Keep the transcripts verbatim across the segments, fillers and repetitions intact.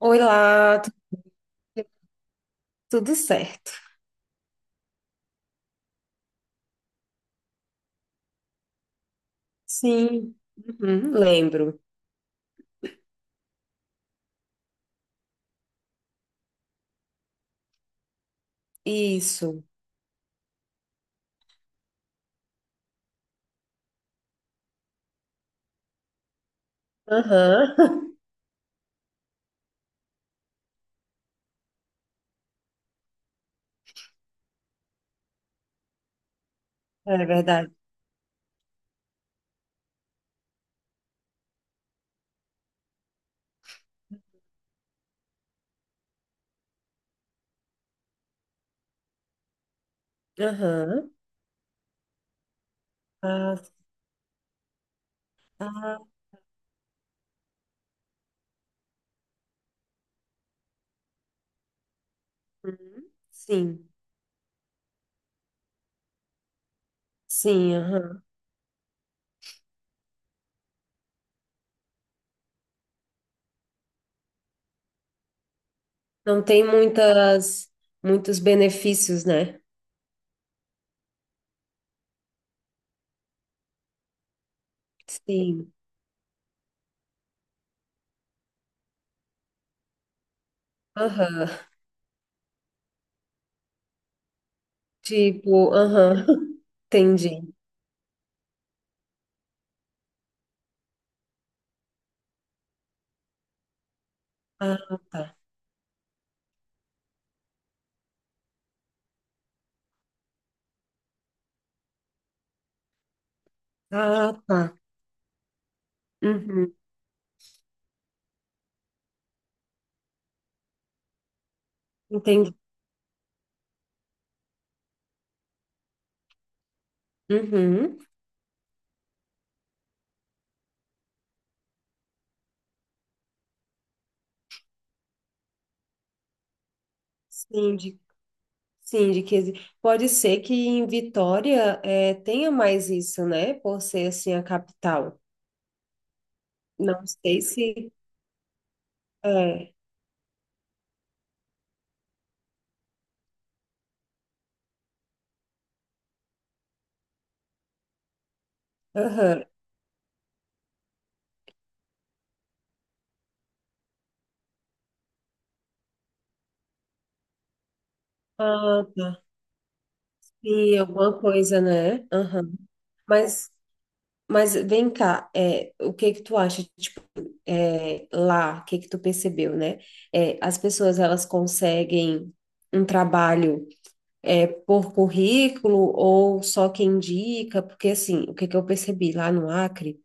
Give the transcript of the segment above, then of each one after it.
Oi lá, tu- tudo certo? Sim, uhum, lembro. Isso. Aham. É verdade. Aham. Ah, ah, uhum. Sim, sim, aham. Não tem muitas, muitos benefícios, né? Sim. Aham. Tipo, aham. Entendi. Ah, tá. Ah, tá. Uhum. Entendi. Uhum. Sim, Sim, de quinze. Pode ser que em Vitória eh, tenha mais isso, né? Por ser assim a capital. Não sei se é. Aham. Ah, tá. Sim, alguma coisa, né? Aham. Mas, mas vem cá, é, o que que tu acha? Tipo, é, lá, o que que tu percebeu, né? É, as pessoas elas conseguem um trabalho é, por currículo ou só quem indica? Porque assim, o que que eu percebi lá no Acre?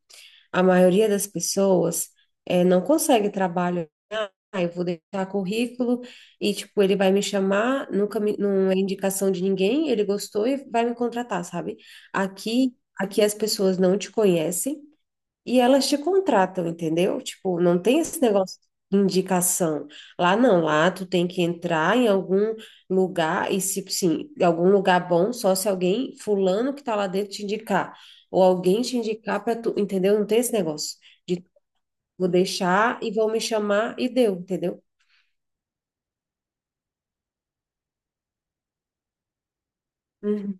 A maioria das pessoas eh, não consegue trabalho. Ah, eu vou deixar currículo e, tipo, ele vai me chamar, nunca me, não é indicação de ninguém, ele gostou e vai me contratar, sabe? Aqui, aqui as pessoas não te conhecem. E elas te contratam, entendeu? Tipo, não tem esse negócio de indicação. Lá não, lá tu tem que entrar em algum lugar e se, sim, em algum lugar bom, só se alguém, fulano que tá lá dentro te indicar, ou alguém te indicar para tu, entendeu? Não tem esse negócio de vou deixar e vão me chamar e deu, entendeu? Uhum.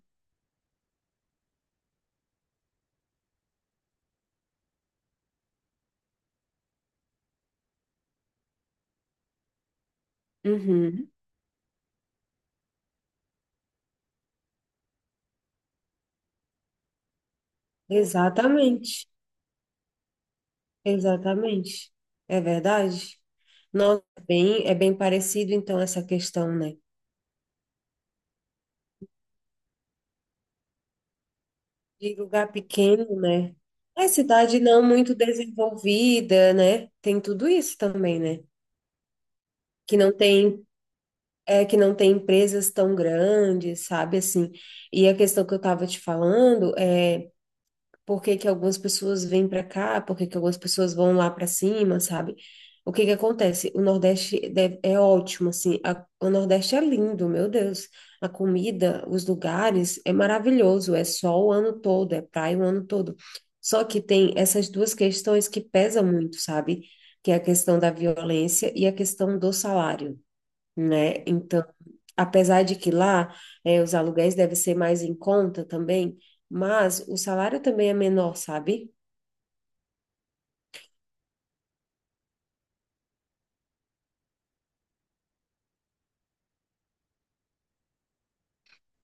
Uhum. Exatamente. Exatamente. É verdade? Nossa, bem, é bem parecido então essa questão, né? De lugar pequeno, né? É cidade não muito desenvolvida, né? Tem tudo isso também, né? Que não tem, é, que não tem empresas tão grandes, sabe? Assim, e a questão que eu estava te falando é por que que algumas pessoas vêm para cá, por que que algumas pessoas vão lá para cima, sabe? O que que acontece? O Nordeste deve- é ótimo, assim, a- o Nordeste é lindo, meu Deus. A comida, os lugares, é maravilhoso, é sol o ano todo, é praia o ano todo. Só que tem essas duas questões que pesam muito, sabe? Que é a questão da violência e a questão do salário, né? Então, apesar de que lá eh, os aluguéis devem ser mais em conta também, mas o salário também é menor, sabe?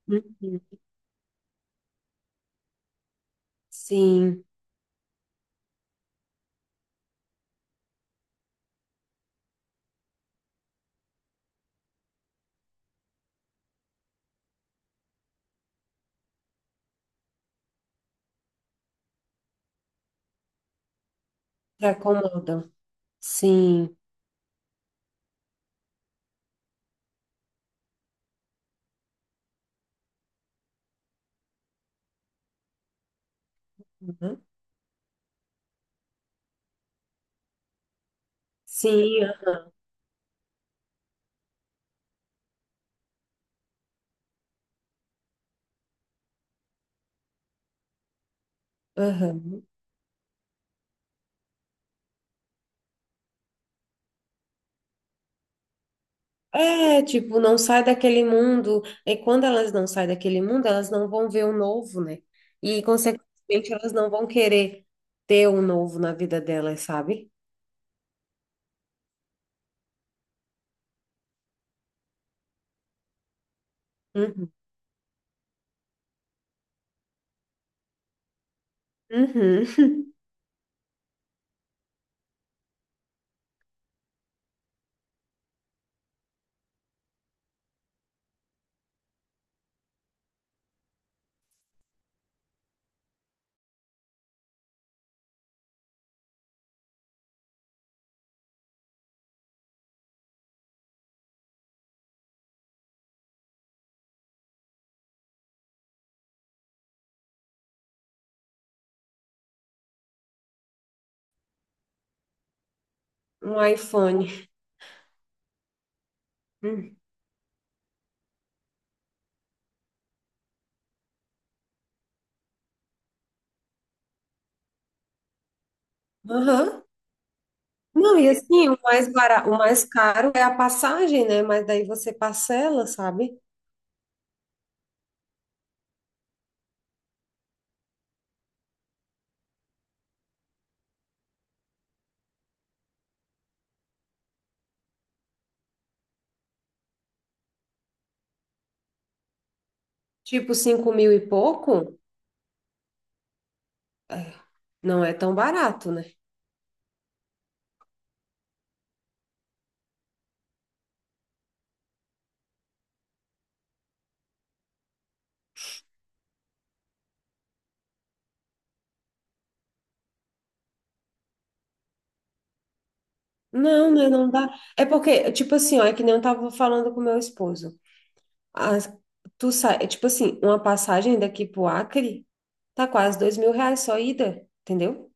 Hum. Sim, se acomodam. Sim. Uhum. Sim, aham. É, tipo, não sai daquele mundo. E quando elas não saem daquele mundo, elas não vão ver o novo, né? E, consequentemente, elas não vão querer ter o novo na vida delas, sabe? Uhum. Uhum. Um iPhone. Uhum. Aham. Não, e assim, o mais barato, o mais caro é a passagem, né? Mas daí você parcela, sabe? Tipo, cinco mil e pouco, não é tão barato, né? Não, né? Não dá. É porque, tipo assim, ó, é que nem eu tava falando com meu esposo. As- tu sai, é tipo assim, uma passagem daqui pro Acre tá quase dois mil reais só ida, entendeu?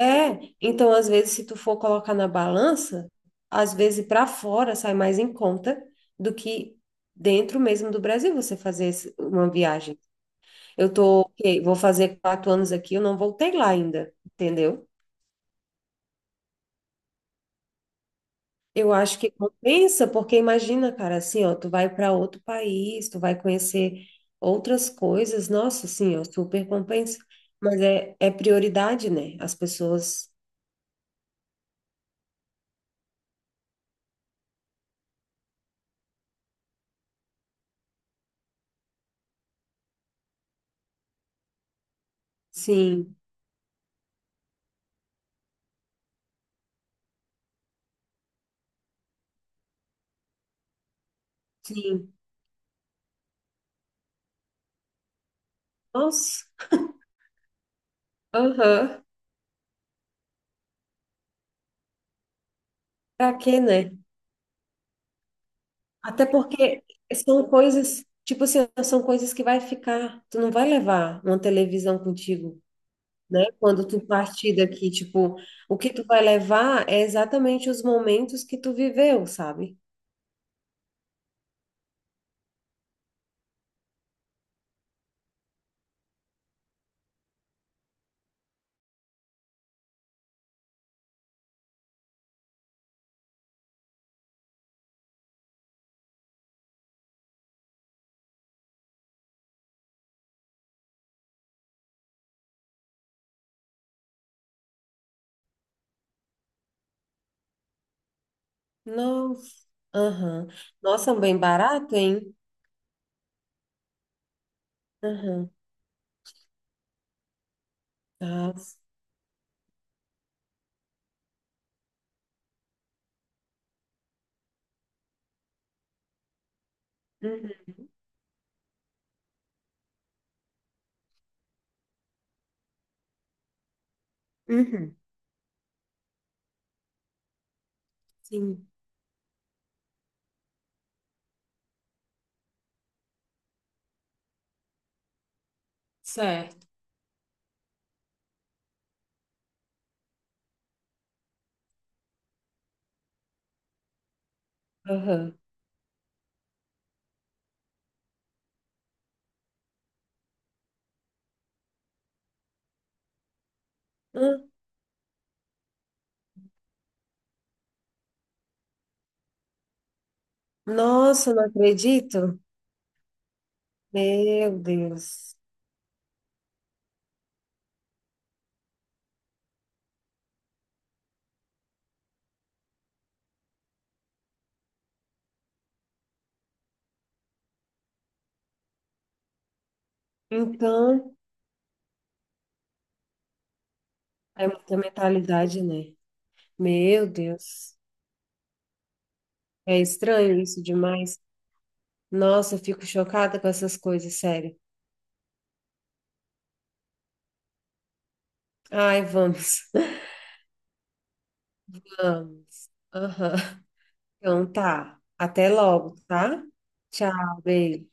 É, então às vezes se tu for colocar na balança, às vezes para fora sai mais em conta do que dentro mesmo do Brasil você fazer esse- uma viagem. Eu tô, ok, vou fazer quatro anos aqui, eu não voltei lá ainda, entendeu? Eu acho que compensa, porque imagina, cara, assim, ó, tu vai para outro país, tu vai conhecer outras coisas, nossa, assim, ó, super compensa. Mas é, é prioridade, né? As pessoas, sim, sim, nossa, aham. Pra quê, né? Até porque são coisas, tipo assim, são coisas que vai ficar, tu não vai levar uma televisão contigo, né? Quando tu partir daqui, tipo, o que tu vai levar é exatamente os momentos que tu viveu, sabe? Nossa, aham. Nossa, é um bem barato, hein? Aham. Tá. Uhum. Uhum. Sim. Certo. Aham. Ah, nossa, não acredito. Meu Deus. Então, é muita mentalidade, né? Meu Deus, é estranho isso demais. Nossa, eu fico chocada com essas coisas, sério. Ai, vamos, vamos. Aham. Então tá, até logo, tá? Tchau, beijo.